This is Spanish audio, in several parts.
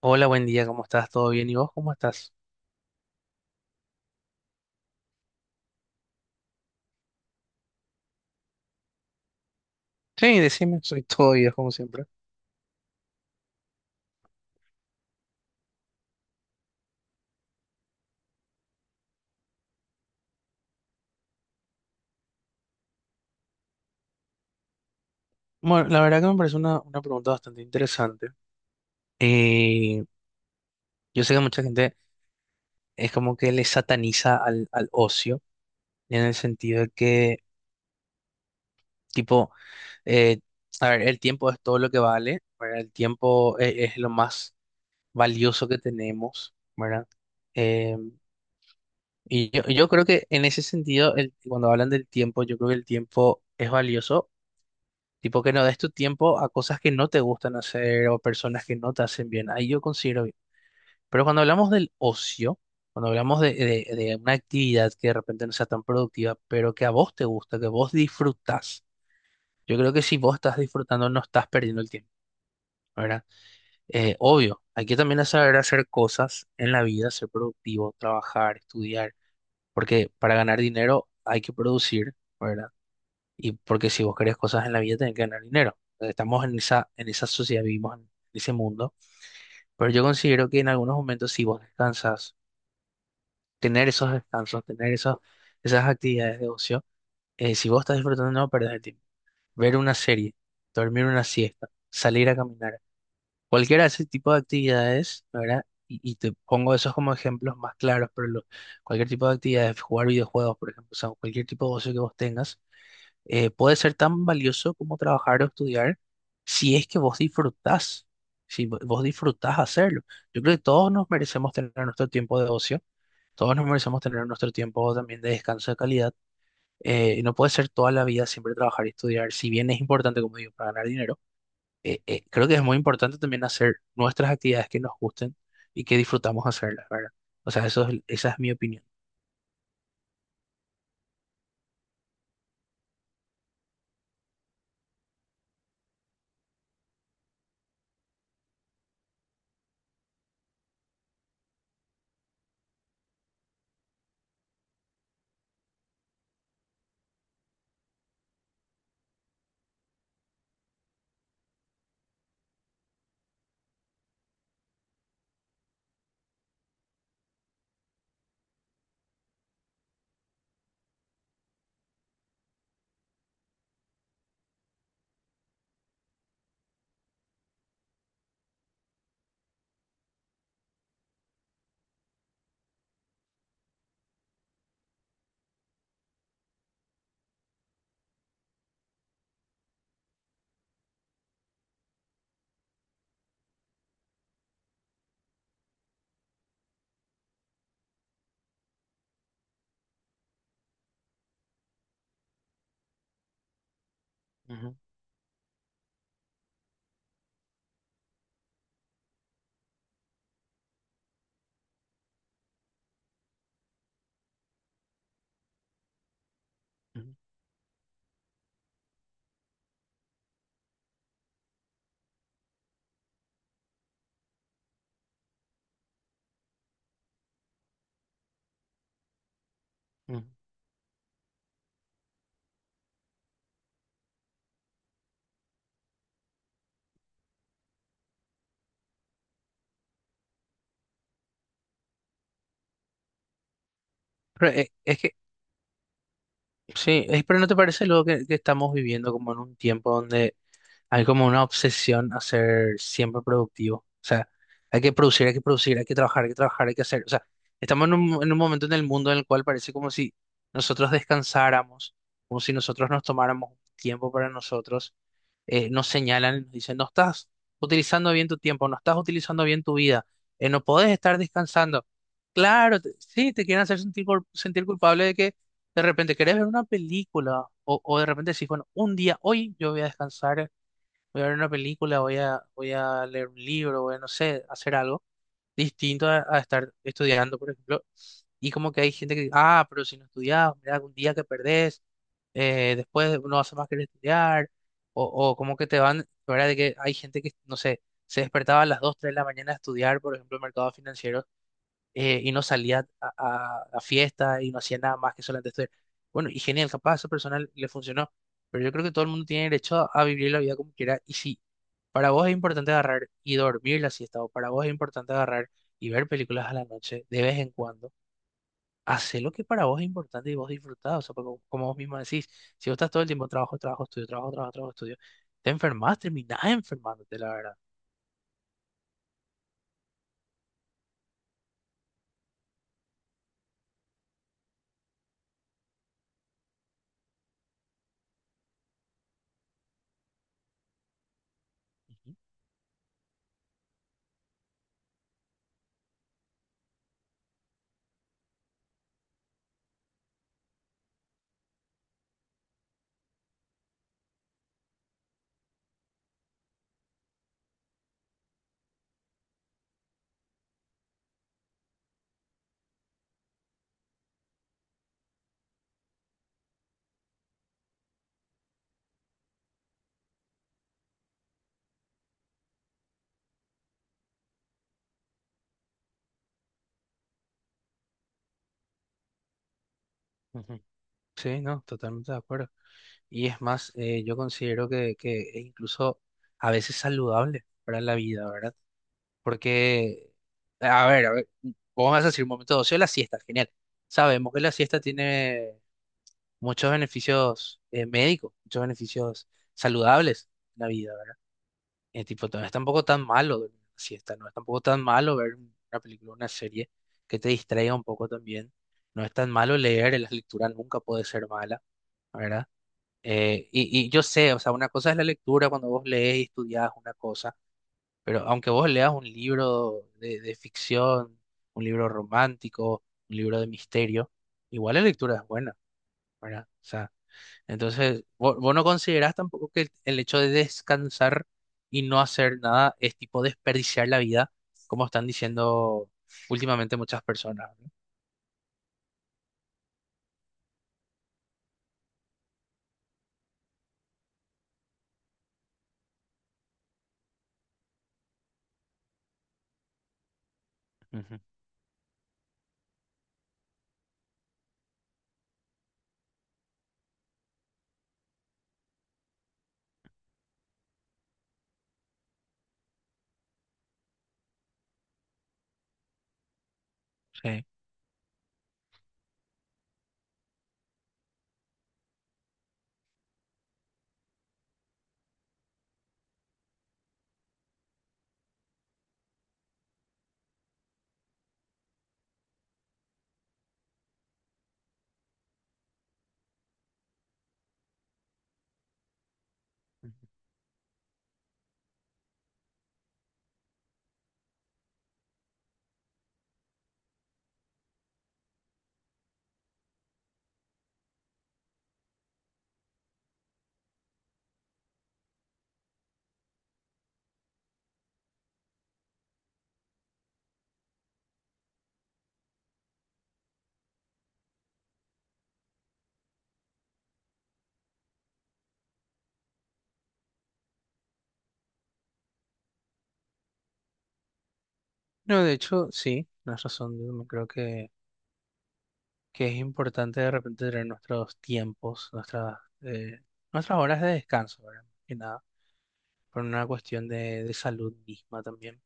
Hola, buen día, ¿cómo estás? ¿Todo bien? ¿Y vos cómo estás? Sí, decime, soy todo oídos como siempre. Bueno, la verdad que me parece una pregunta bastante interesante. Eh, yo sé que mucha gente es como que le sataniza al ocio, en el sentido de que, tipo, eh, a ver, el tiempo es todo lo que vale, ¿verdad? El tiempo es lo más valioso que tenemos, ¿verdad? Eh, y yo creo que en ese sentido, cuando hablan del tiempo, yo creo que el tiempo es valioso. Tipo que no des tu tiempo a cosas que no te gustan hacer o personas que no te hacen bien. Ahí yo considero bien. Pero cuando hablamos del ocio, cuando hablamos de una actividad que de repente no sea tan productiva, pero que a vos te gusta, que vos disfrutás, yo creo que si vos estás disfrutando no estás perdiendo el tiempo, ¿verdad? Obvio, hay que también saber hacer cosas en la vida, ser productivo, trabajar, estudiar, porque para ganar dinero hay que producir. ¿Verdad? Y porque si vos querés cosas en la vida, tenés que ganar dinero. Estamos en esa sociedad, vivimos en ese mundo. Pero yo considero que en algunos momentos, si vos descansas, tener esos descansos, esas actividades de ocio, si vos estás disfrutando, no perdés el tiempo. Ver una serie, dormir una siesta, salir a caminar, cualquiera de ese tipo de actividades, ¿verdad? Y te pongo esos como ejemplos más claros, pero cualquier tipo de actividades, jugar videojuegos, por ejemplo, o sea, cualquier tipo de ocio que vos tengas puede ser tan valioso como trabajar o estudiar si es que vos disfrutás, si vos disfrutás hacerlo. Yo creo que todos nos merecemos tener nuestro tiempo de ocio, todos nos merecemos tener nuestro tiempo también de descanso de calidad. Eh, y no puede ser toda la vida siempre trabajar y estudiar, si bien es importante, como digo, para ganar dinero, creo que es muy importante también hacer nuestras actividades que nos gusten y que disfrutamos hacerlas, ¿verdad? O sea, esa es mi opinión. Ujú, ujú, ujú. Pero es que sí, pero ¿no te parece luego que estamos viviendo como en un tiempo donde hay como una obsesión a ser siempre productivo? O sea, hay que producir, hay que producir, hay que trabajar, hay que trabajar, hay que hacer. O sea, estamos en un momento en el mundo en el cual parece como si nosotros descansáramos, como si nosotros nos tomáramos un tiempo para nosotros, nos señalan, y nos dicen, no estás utilizando bien tu tiempo, no estás utilizando bien tu vida, no podés estar descansando. Claro, sí, te quieren hacer sentir, sentir culpable de que de repente querés ver una película o de repente decís, bueno, un día, hoy yo voy a descansar, voy a ver una película, voy a, voy a leer un libro, voy a, no sé, hacer algo distinto a estar estudiando, por ejemplo. Y como que hay gente que, ah, pero si no estudias, mira, un día que perdés, después no hace más que estudiar, o como que te van, ¿verdad? De que hay gente que, no sé, se despertaba a las 2 3 de la mañana a estudiar, por ejemplo, el mercado financiero, y no salía a fiesta y no hacía nada más que solamente estudiar. Bueno, y genial, capaz esa persona le funcionó, pero yo creo que todo el mundo tiene derecho a vivir la vida como quiera, y si para vos es importante agarrar y dormir la siesta, o para vos es importante agarrar y ver películas a la noche de vez en cuando, hacé lo que para vos es importante y vos disfrutás. O sea, porque como vos misma decís, si vos estás todo el tiempo trabajo, trabajo, estudio, trabajo, trabajo, trabajo, estudio, te enfermas, terminás enfermándote, la verdad. Ujú, ujú. Sí, no, totalmente de acuerdo. Y es más, yo considero que es incluso a veces saludable para la vida, ¿verdad? Porque, a ver, vos me vas a decir un momento de ocio, la siesta, genial. Sabemos que la siesta tiene muchos beneficios médicos, muchos beneficios saludables en la vida. Tipo, no es tampoco tan malo dormir una siesta, no es tampoco tan malo ver una película, una serie que te distraiga un poco también. No es tan malo leer, la lectura nunca puede ser mala, ¿verdad? Y yo sé, o sea, una cosa es la lectura cuando vos lees y estudias una cosa, pero aunque vos leas un libro de ficción, un libro romántico, un libro de misterio, igual la lectura es buena, ¿verdad? O sea, entonces, vos, no considerás tampoco que el hecho de descansar y no hacer nada es tipo desperdiciar la vida, como están diciendo últimamente muchas personas, ¿no? Ujú, sí, ujú. No, de hecho, sí, tienes razón. Yo también creo que es importante de repente tener nuestros tiempos, nuestras, nuestras horas de descanso, ¿verdad? Más que nada, por una cuestión de salud misma también,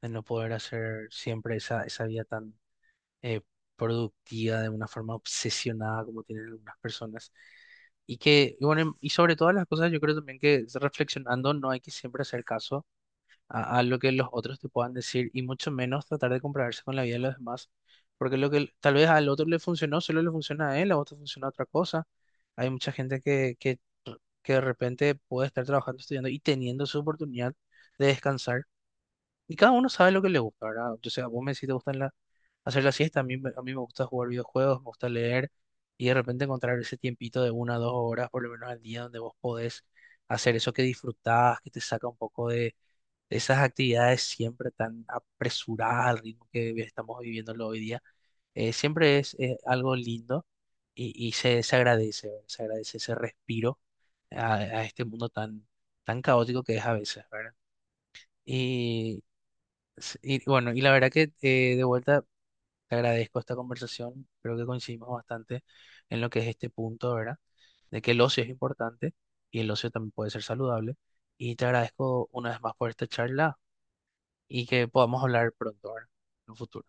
de no poder hacer siempre esa, esa vida tan eh, productiva de una forma obsesionada como tienen algunas personas. Y que, y bueno, y sobre todas las cosas, yo creo también que reflexionando no hay que siempre hacer caso a lo que los otros te puedan decir y mucho menos tratar de compararse con la vida de los demás, porque lo que tal vez al otro le funcionó, solo le funciona a él, a vos te funciona otra cosa. Hay mucha gente que de repente puede estar trabajando, estudiando y teniendo su oportunidad de descansar y cada uno sabe lo que le gusta, ¿verdad? O sea, vos me decís te gusta la, hacer la siesta, a mí me gusta jugar videojuegos, me gusta leer y de repente encontrar ese tiempito de una o dos horas por lo menos al día donde vos podés hacer eso que disfrutás, que te saca un poco de esas actividades siempre tan apresuradas al ritmo que estamos viviéndolo hoy día. Siempre es, algo lindo y se agradece, ¿verdad? Se agradece ese respiro a este mundo tan, tan caótico que es a veces, ¿verdad? Sí, y bueno, y la verdad que de vuelta te agradezco esta conversación. Creo que coincidimos bastante en lo que es este punto, ¿verdad? De que el ocio es importante y el ocio también puede ser saludable. Y te agradezco una vez más por esta charla y que podamos hablar pronto, ¿verdad? En un futuro.